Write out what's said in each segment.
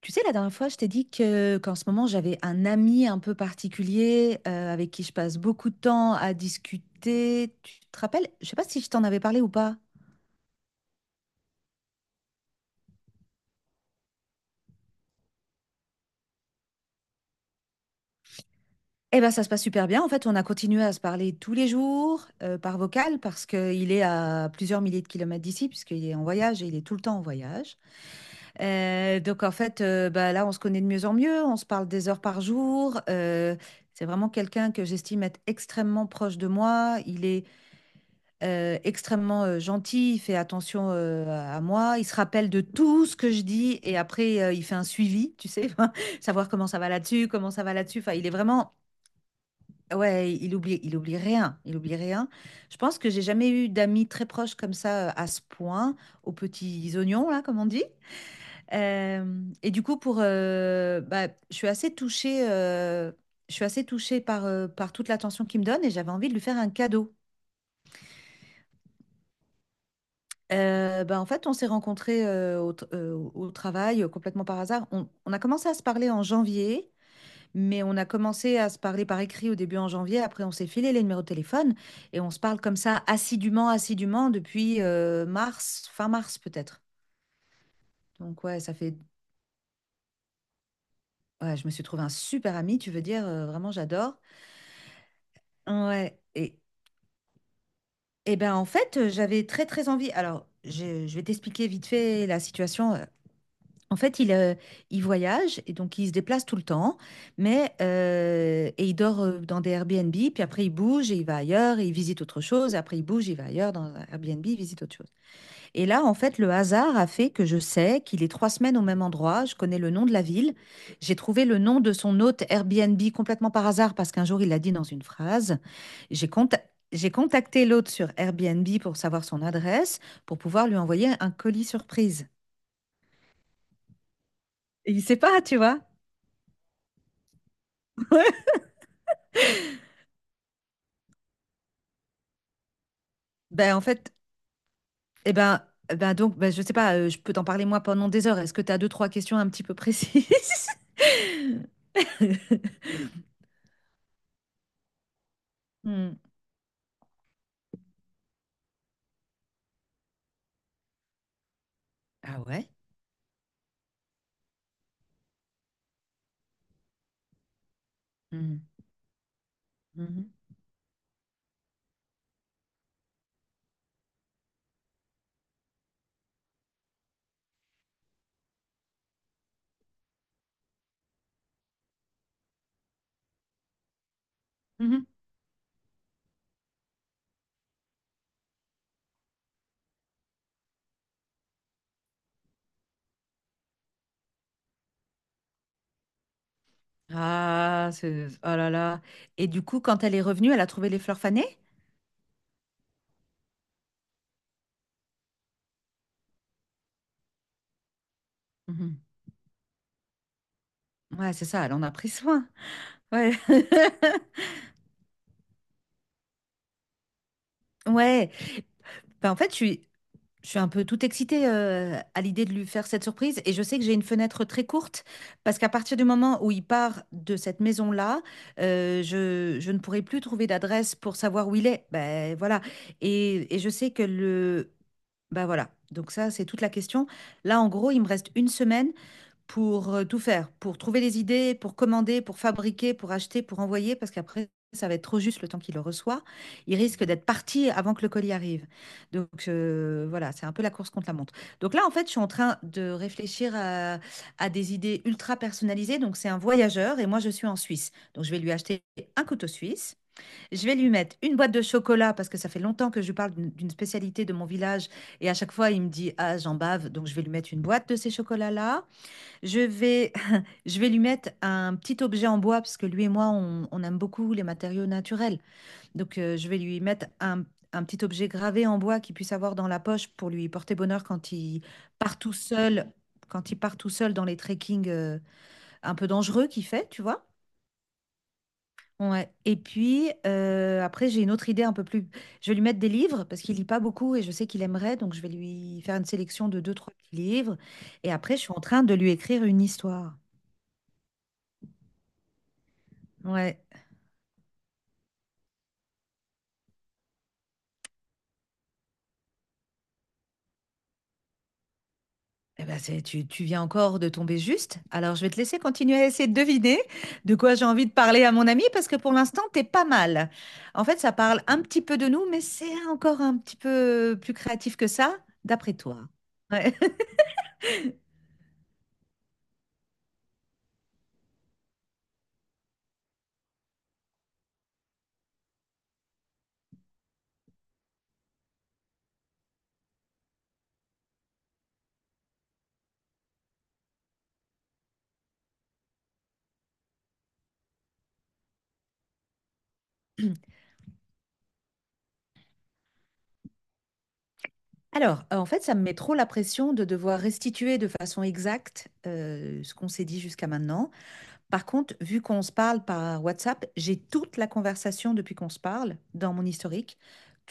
Tu sais, la dernière fois, je t'ai dit que qu'en ce moment, j'avais un ami un peu particulier avec qui je passe beaucoup de temps à discuter. Tu te rappelles? Je sais pas si je t'en avais parlé ou pas. Eh ben, ça se passe super bien. En fait, on a continué à se parler tous les jours par vocal parce qu'il est à plusieurs milliers de kilomètres d'ici, puisqu'il est en voyage et il est tout le temps en voyage. Donc, en fait, bah, là, on se connaît de mieux en mieux. On se parle des heures par jour. C'est vraiment quelqu'un que j'estime être extrêmement proche de moi. Il est extrêmement gentil, il fait attention à moi, il se rappelle de tout ce que je dis et après il fait un suivi, tu sais, savoir comment ça va là-dessus, comment ça va là-dessus. Enfin, il est vraiment, ouais, il oublie rien, il oublie rien. Je pense que j'ai jamais eu d'amis très proches comme ça à ce point, aux petits oignons là, comme on dit. Et du coup, bah, je suis assez touchée. Je suis assez touchée par toute l'attention qu'il me donne et j'avais envie de lui faire un cadeau. Bah, en fait, on s'est rencontrés au travail complètement par hasard. On a commencé à se parler en janvier, mais on a commencé à se parler par écrit au début en janvier. Après, on s'est filé les numéros de téléphone et on se parle comme ça assidûment, assidûment depuis mars, fin mars peut-être. Donc ouais, ça fait... Ouais, je me suis trouvé un super ami, tu veux dire, vraiment, j'adore. Ouais, et ben en fait, j'avais très très envie. Alors, je vais t'expliquer vite fait la situation. En fait, il voyage et donc il se déplace tout le temps, et il dort dans des Airbnb, puis après il bouge et il va ailleurs et il visite autre chose, et après il bouge, il va ailleurs dans un Airbnb, il visite autre chose. Et là, en fait, le hasard a fait que je sais qu'il est 3 semaines au même endroit, je connais le nom de la ville, j'ai trouvé le nom de son hôte Airbnb complètement par hasard parce qu'un jour il l'a dit dans une phrase. J'ai conta- j'ai contacté l'hôte sur Airbnb pour savoir son adresse, pour pouvoir lui envoyer un colis surprise. Et il sait pas, tu vois. Ben, en fait, eh ben, eh ben donc, ben, je sais pas, je peux t'en parler moi pendant des heures. Est-ce que tu as deux, trois questions un petit peu précises? Hmm. Ah ouais? Hmm. Mhm. Mhm. Ah, c'est... Oh là là. Et du coup, quand elle est revenue, elle a trouvé les fleurs fanées? Mhm. Ouais, c'est ça, elle en a pris soin. Ouais. Ouais. Ben, en fait, je suis un peu tout excitée à l'idée de lui faire cette surprise et je sais que j'ai une fenêtre très courte parce qu'à partir du moment où il part de cette maison-là, je ne pourrai plus trouver d'adresse pour savoir où il est. Ben voilà. Je sais que le... Ben voilà. Donc ça, c'est toute la question. Là, en gros, il me reste une semaine pour tout faire, pour trouver les idées, pour commander, pour fabriquer, pour acheter, pour envoyer, parce qu'après, ça va être trop juste le temps qu'il le reçoit. Il risque d'être parti avant que le colis arrive. Donc voilà, c'est un peu la course contre la montre. Donc là, en fait, je suis en train de réfléchir à des idées ultra personnalisées. Donc c'est un voyageur et moi, je suis en Suisse. Donc je vais lui acheter un couteau suisse. Je vais lui mettre une boîte de chocolat parce que ça fait longtemps que je lui parle d'une spécialité de mon village et à chaque fois, il me dit, ah, j'en bave. Donc je vais lui mettre une boîte de ces chocolats-là. Je vais, je vais lui mettre un petit objet en bois parce que lui et moi, on aime beaucoup les matériaux naturels. Donc, je vais lui mettre un petit objet gravé en bois qu'il puisse avoir dans la poche pour lui porter bonheur quand il part tout seul, quand il part tout seul dans les trekking un peu dangereux qu'il fait, tu vois. Ouais. Et puis, après, j'ai une autre idée un peu plus. Je vais lui mettre des livres parce qu'il lit pas beaucoup et je sais qu'il aimerait. Donc, je vais lui faire une sélection de deux, trois petits livres. Et après, je suis en train de lui écrire une histoire. Ouais. Eh ben, c'est, tu viens encore de tomber juste. Alors, je vais te laisser continuer à essayer de deviner de quoi j'ai envie de parler à mon ami parce que pour l'instant, t'es pas mal. En fait, ça parle un petit peu de nous, mais c'est encore un petit peu plus créatif que ça, d'après toi. Ouais. Alors, en fait, ça me met trop la pression de devoir restituer de façon exacte ce qu'on s'est dit jusqu'à maintenant. Par contre, vu qu'on se parle par WhatsApp, j'ai toute la conversation depuis qu'on se parle dans mon historique,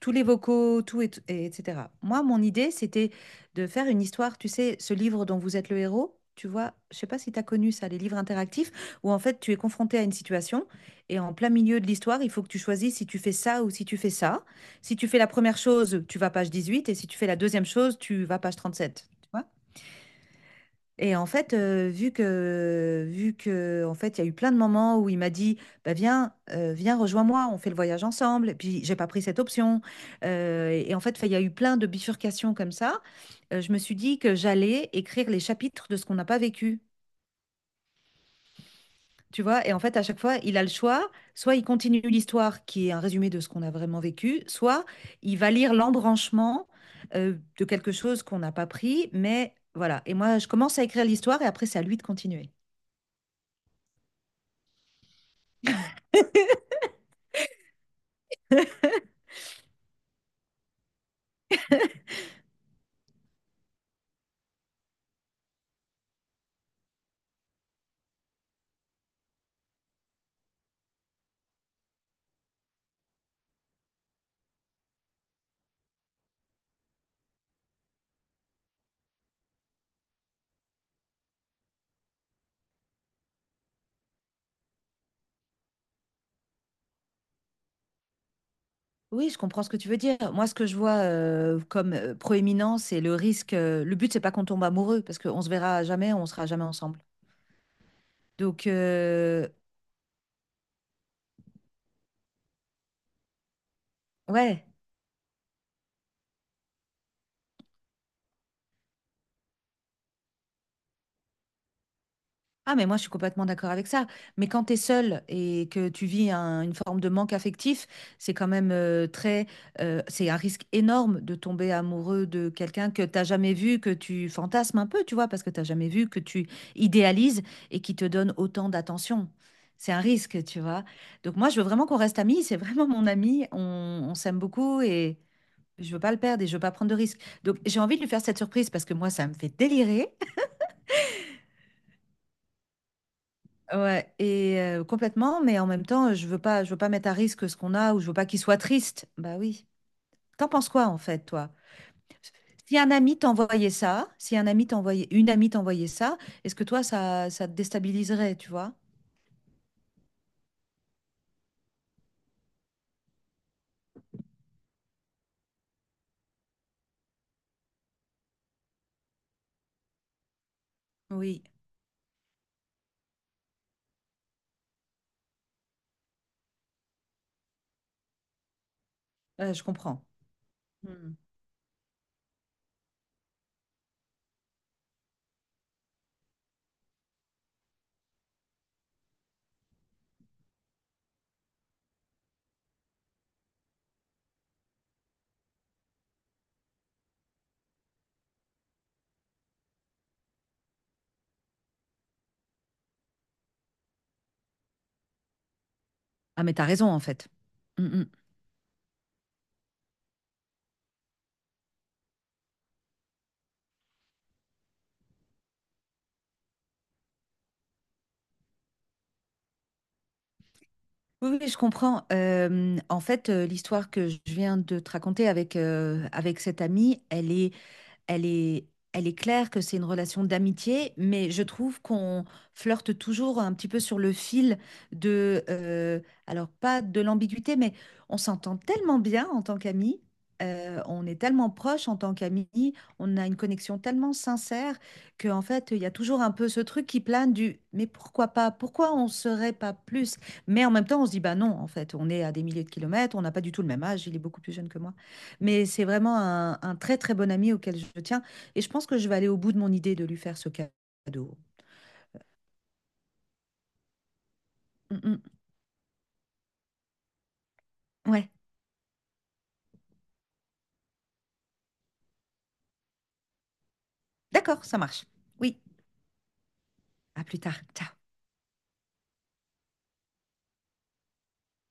tous les vocaux, tout et etc. Moi, mon idée, c'était de faire une histoire, tu sais, ce livre dont vous êtes le héros, tu vois, je sais pas si tu as connu ça, les livres interactifs, où en fait, tu es confronté à une situation et en plein milieu de l'histoire, il faut que tu choisisses si tu fais ça ou si tu fais ça. Si tu fais la première chose, tu vas page 18 et si tu fais la deuxième chose, tu vas page 37. Et en fait, vu que en fait, il y a eu plein de moments où il m'a dit: «Bah, viens, viens, rejoins-moi, on fait le voyage ensemble» et puis j'ai pas pris cette option, et en fait, enfin, il y a eu plein de bifurcations comme ça. Je me suis dit que j'allais écrire les chapitres de ce qu'on n'a pas vécu, tu vois? Et en fait, à chaque fois, il a le choix, soit il continue l'histoire qui est un résumé de ce qu'on a vraiment vécu, soit il va lire l'embranchement, de quelque chose qu'on n'a pas pris, mais voilà et moi, je commence à écrire l'histoire et après, c'est à lui de continuer. Oui, je comprends ce que tu veux dire. Moi, ce que je vois comme proéminent, c'est le risque. Le but, c'est pas qu'on tombe amoureux, parce qu'on se verra jamais, on sera jamais ensemble. Donc, ouais. Ah, mais moi, je suis complètement d'accord avec ça. Mais quand tu es seul et que tu vis une forme de manque affectif, c'est quand même très. C'est un risque énorme de tomber amoureux de quelqu'un que tu jamais vu, que tu fantasmes un peu, tu vois, parce que tu jamais vu, que tu idéalises et qui te donne autant d'attention. C'est un risque, tu vois. Donc, moi, je veux vraiment qu'on reste amis. C'est vraiment mon ami. On s'aime beaucoup et je veux pas le perdre et je veux pas prendre de risques. Donc, j'ai envie de lui faire cette surprise parce que moi, ça me fait délirer. Ouais, complètement, mais en même temps, je veux pas mettre à risque ce qu'on a ou je veux pas qu'il soit triste. Bah oui. T'en penses quoi en fait, toi? Si un ami t'envoyait ça, si un ami t'envoyait, une amie t'envoyait ça, est-ce que toi, ça te déstabiliserait, tu vois? Oui, je comprends. Mm. Ah, mais t'as raison en fait. Mm, mm. Oui, oui, je comprends. En fait, l'histoire que je viens de te raconter avec, avec cette amie, elle est elle est, elle est claire que c'est une relation d'amitié, mais je trouve qu'on flirte toujours un petit peu sur le fil de, alors pas de l'ambiguïté, mais on s'entend tellement bien en tant qu'amis. On est tellement proches en tant qu'amis, on a une connexion tellement sincère que en fait, il y a toujours un peu ce truc qui plane du mais pourquoi pas? Pourquoi on serait pas plus? Mais en même temps, on se dit bah non, en fait, on est à des milliers de kilomètres, on n'a pas du tout le même âge, il est beaucoup plus jeune que moi. Mais c'est vraiment un très très bon ami auquel je tiens. Et je pense que je vais aller au bout de mon idée de lui faire ce cadeau. Mm, mm. Ouais, d'accord, ça marche. Oui, à plus tard. Ciao.